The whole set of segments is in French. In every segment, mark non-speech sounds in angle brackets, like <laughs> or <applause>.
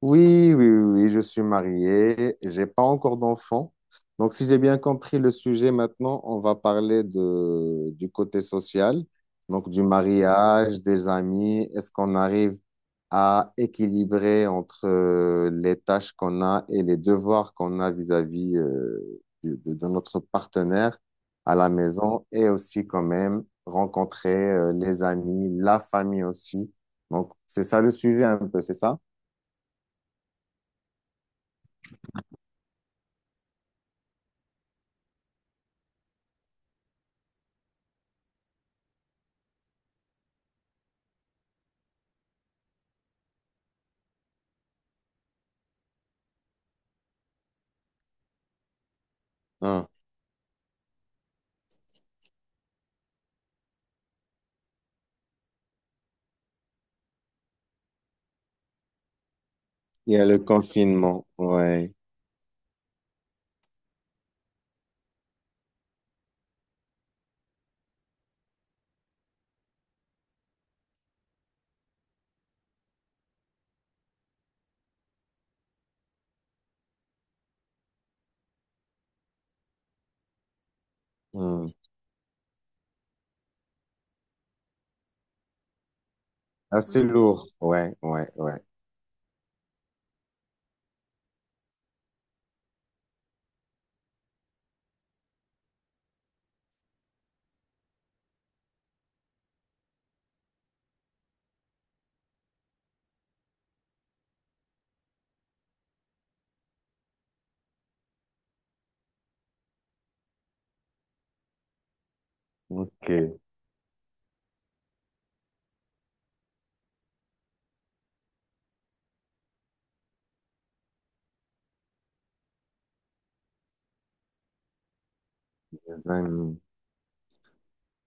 Oui, oui, oui, oui, je suis marié, j'ai pas encore d'enfant. Donc, si j'ai bien compris le sujet maintenant, on va parler du côté social, donc du mariage, des amis. Est-ce qu'on arrive à équilibrer entre les tâches qu'on a et les devoirs qu'on a vis-à-vis de notre partenaire à la maison et aussi quand même rencontrer les amis, la famille aussi. Donc, c'est ça le sujet un peu, c'est ça? Il y a le confinement, ouais. Hmm. Assez lourd, ouais, ouais, ouais. Ok, les amis.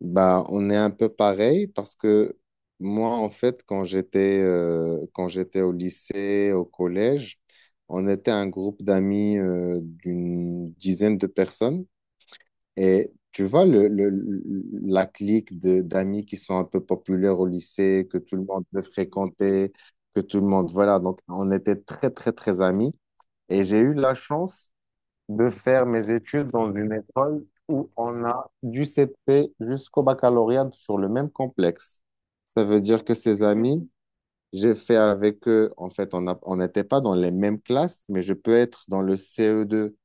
Bah, on est un peu pareil parce que moi, en fait, quand j'étais au lycée, au collège, on était un groupe d'amis d'une dizaine de personnes. Et tu vois, la clique d'amis qui sont un peu populaires au lycée, que tout le monde veut fréquenter, que tout le monde, voilà. Donc, on était très, très, très amis. Et j'ai eu la chance de faire mes études dans une école où on a du CP jusqu'au baccalauréat sur le même complexe. Ça veut dire que ces amis, j'ai fait avec eux, en fait, on n'était pas dans les mêmes classes, mais je peux être dans le CE2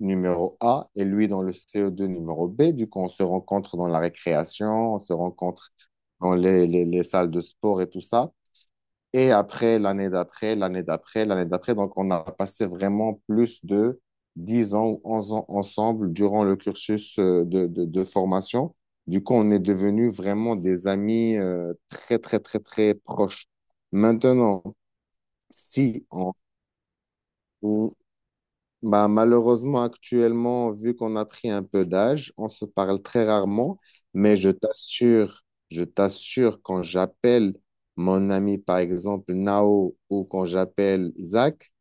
numéro A et lui dans le CE2 numéro B. Du coup, on se rencontre dans la récréation, on se rencontre dans les salles de sport et tout ça. Et après, l'année d'après, l'année d'après, l'année d'après. Donc, on a passé vraiment plus de 10 ans ou 11 ans ensemble durant le cursus de formation. Du coup, on est devenus vraiment des amis très, très, très, très proches. Maintenant, si on, bah, malheureusement, actuellement, vu qu'on a pris un peu d'âge, on se parle très rarement, mais je t'assure, quand j'appelle mon ami, par exemple, Nao, ou quand j'appelle Zach,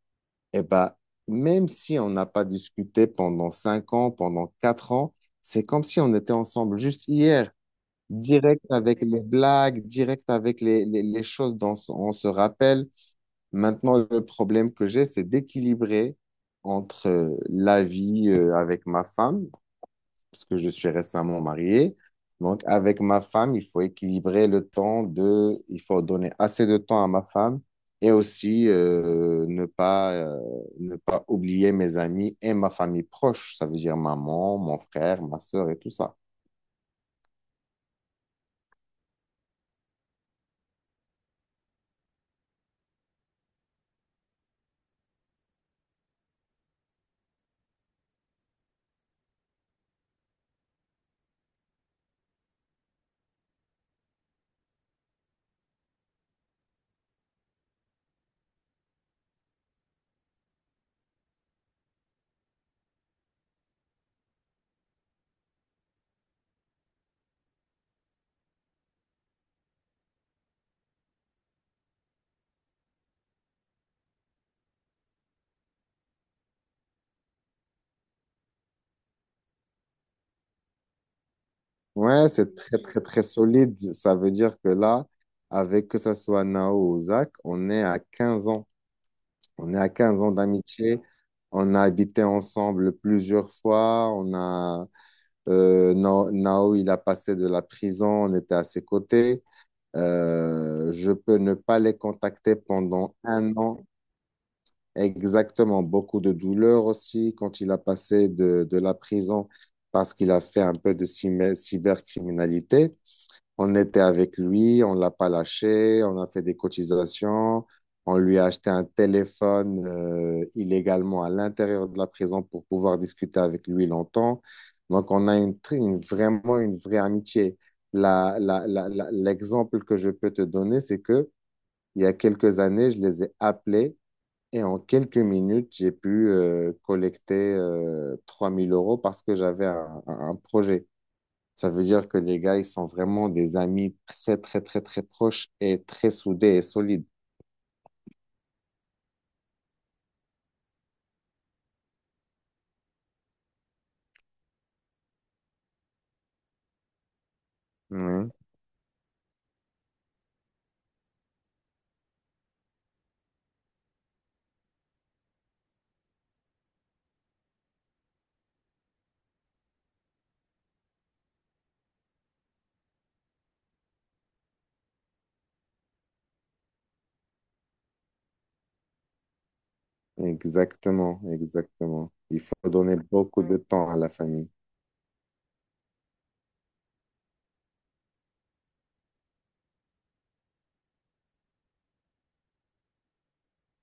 eh bah, même si on n'a pas discuté pendant 5 ans, pendant 4 ans, c'est comme si on était ensemble juste hier, direct avec les blagues, direct avec les choses dont on se rappelle. Maintenant, le problème que j'ai, c'est d'équilibrer entre la vie avec ma femme, parce que je suis récemment marié. Donc, avec ma femme, il faut équilibrer il faut donner assez de temps à ma femme et aussi ne pas oublier mes amis et ma famille proche, ça veut dire maman, mon frère, ma sœur et tout ça. Ouais, c'est très, très, très solide. Ça veut dire que là, avec que ça soit Nao ou Zach, on est à 15 ans. On est à 15 ans d'amitié. On a habité ensemble plusieurs fois. Nao, il a passé de la prison. On était à ses côtés. Je peux ne pas les contacter pendant un an. Exactement. Beaucoup de douleur aussi quand il a passé de la prison parce qu'il a fait un peu de cybercriminalité. On était avec lui, on l'a pas lâché, on a fait des cotisations, on lui a acheté un téléphone illégalement à l'intérieur de la prison pour pouvoir discuter avec lui longtemps. Donc, on a une, tr- une- vraiment une vraie amitié. L'exemple que je peux te donner, c'est que il y a quelques années, je les ai appelés et en quelques minutes, j'ai pu collecter 3000 euros parce que j'avais un projet. Ça veut dire que les gars, ils sont vraiment des amis très, très, très, très proches et très soudés et solides. Ouais, exactement, exactement. Il faut donner beaucoup de temps à la famille.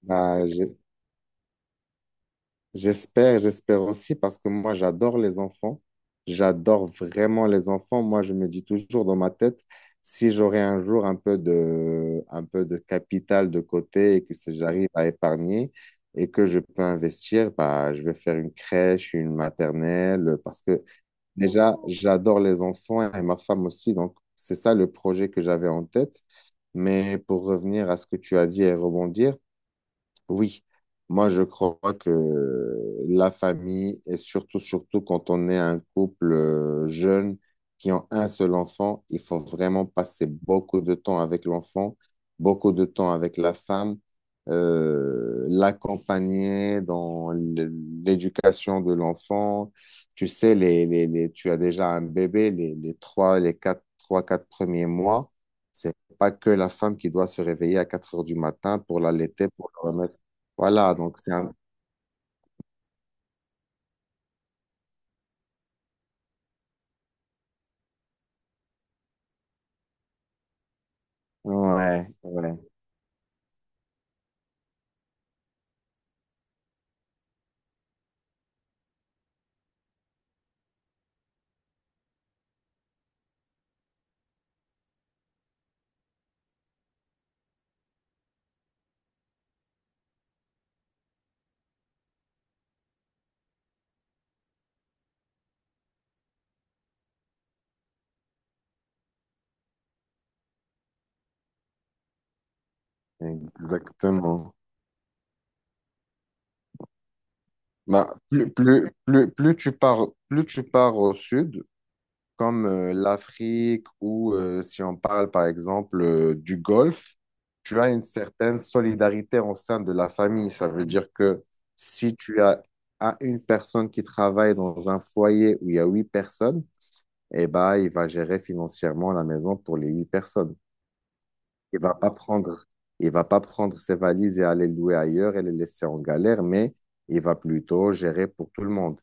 Bah, j'ai- J'espère, j'espère aussi parce que moi, j'adore les enfants. J'adore vraiment les enfants. Moi, je me dis toujours dans ma tête, si j'aurais un jour un peu de capital de côté et que si j'arrive à épargner et que je peux investir, bah, je vais faire une crèche, une maternelle parce que déjà, j'adore les enfants et ma femme aussi. Donc, c'est ça le projet que j'avais en tête. Mais pour revenir à ce que tu as dit et rebondir, oui, moi je crois que la famille, et surtout, surtout quand on est un couple jeune qui ont un seul enfant, il faut vraiment passer beaucoup de temps avec l'enfant, beaucoup de temps avec la femme, euh, l'accompagner dans l- l'éducation de l'enfant. Tu sais, tu as déjà un bébé, les trois, quatre premiers mois. C'est pas que la femme qui doit se réveiller à 4 heures du matin pour l'allaiter, pour le remettre voilà, donc c'est un... Ouais, ouais, exactement. Bah, plus tu pars au sud, comme l'Afrique ou si on parle par exemple du Golfe, tu as une certaine solidarité au sein de la famille. Ça veut dire que si tu as une personne qui travaille dans un foyer où il y a 8 personnes, eh ben, il va gérer financièrement la maison pour les 8 personnes. Il va pas prendre, il va pas prendre ses valises et aller louer ailleurs et les laisser en galère, mais il va plutôt gérer pour tout le monde.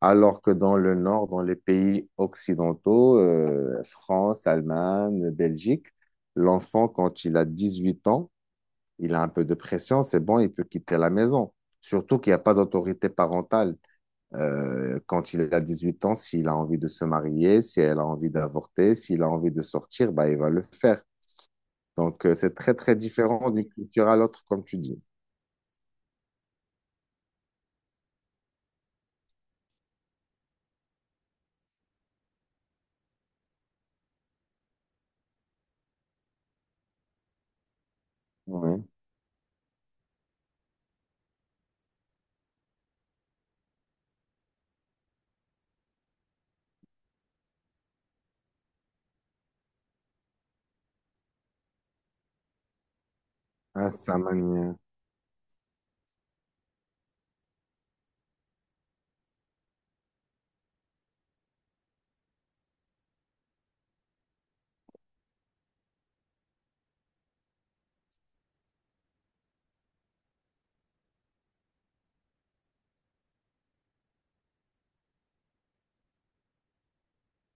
Alors que dans le nord, dans les pays occidentaux, France, Allemagne, Belgique, l'enfant, quand il a 18 ans, il a un peu de pression, c'est bon, il peut quitter la maison. Surtout qu'il n'y a pas d'autorité parentale. Quand il a 18 ans, s'il a envie de se marier, si elle a envie d'avorter, s'il a envie de sortir, bah, il va le faire. Donc, c'est très, très différent d'une culture à l'autre, comme tu dis. Ouais, à sa manière.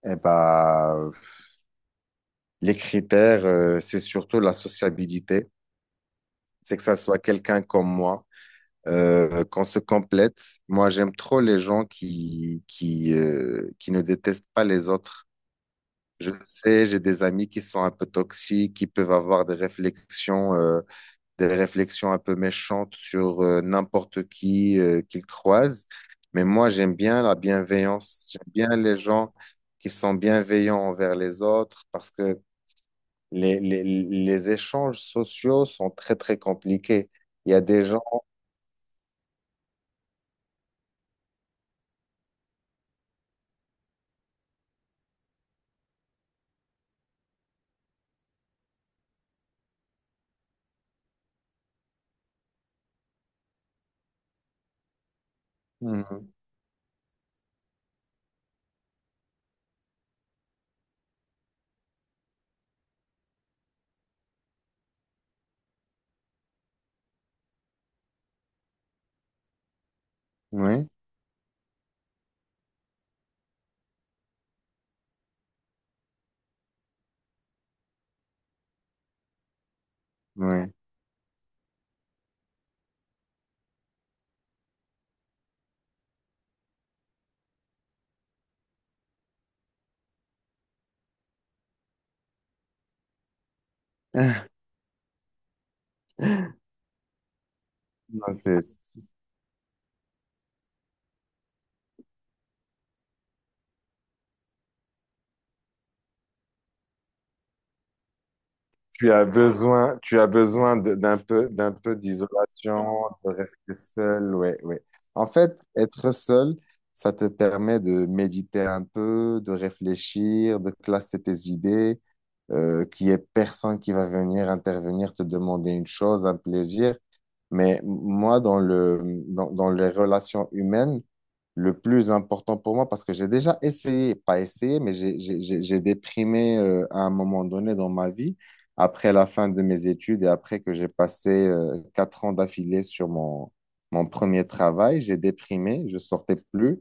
Eh ben, les critères, c'est surtout la sociabilité. C'est que ça soit quelqu'un comme moi, qu'on se complète. Moi, j'aime trop les gens qui ne détestent pas les autres. Je sais, j'ai des amis qui sont un peu toxiques, qui peuvent avoir des réflexions un peu méchantes sur n'importe qui qu'il croise. Mais moi, j'aime bien la bienveillance. J'aime bien les gens qui sont bienveillants envers les autres parce que les échanges sociaux sont très, très compliqués. Il y a des gens. Mhm. Oui, oui. <laughs> Non, c'est- tu as besoin d'un peu d'isolation, de rester seul, ouais, ouais. En fait, être seul, ça te permet de méditer un peu, de réfléchir, de classer tes idées, qu'il n'y ait personne qui va venir intervenir, te demander une chose, un plaisir. Mais moi, dans les relations humaines, le plus important pour moi parce que j'ai déjà essayé, pas essayé, mais j'ai déprimé à un moment donné dans ma vie, après la fin de mes études et après que j'ai passé 4 ans d'affilée sur mon premier travail, j'ai déprimé, je sortais plus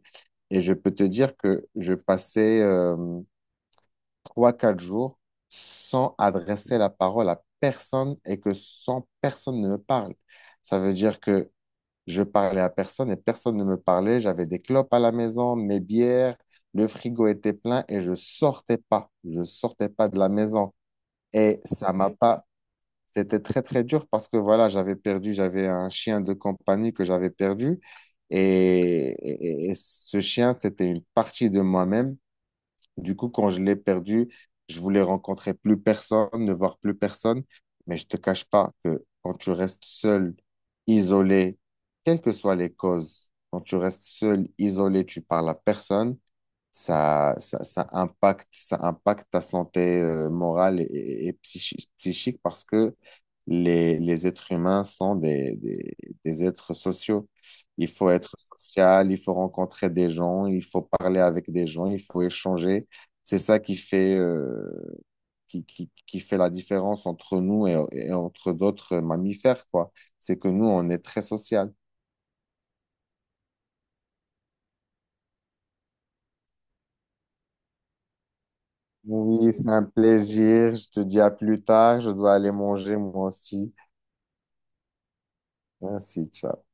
et je peux te dire que je passais trois, quatre jours sans adresser la parole à personne et que sans personne ne me parle. Ça veut dire que je parlais à personne et personne ne me parlait. J'avais des clopes à la maison, mes bières, le frigo était plein et je sortais pas. Je sortais pas de la maison. Et ça m'a Mhm. pas. C'était très, très dur parce que voilà, j'avais perdu, j'avais un chien de compagnie que j'avais perdu. Et, et ce chien, c'était une partie de moi-même. Du coup, quand je l'ai perdu, je voulais rencontrer plus personne, ne voir plus personne. Mais je te cache pas que quand tu restes seul, isolé, quelles que soient les causes, quand tu restes seul, isolé, tu parles à personne, ça impacte ta santé morale et et psychique parce que les êtres humains sont des êtres sociaux. Il faut être social, il faut rencontrer des gens, il faut parler avec des gens, il faut échanger. C'est ça qui fait, qui fait la différence entre nous et entre d'autres mammifères, quoi. C'est que nous, on est très social. Oui, c'est un plaisir. Je te dis à plus tard. Je dois aller manger moi aussi. Merci, ciao.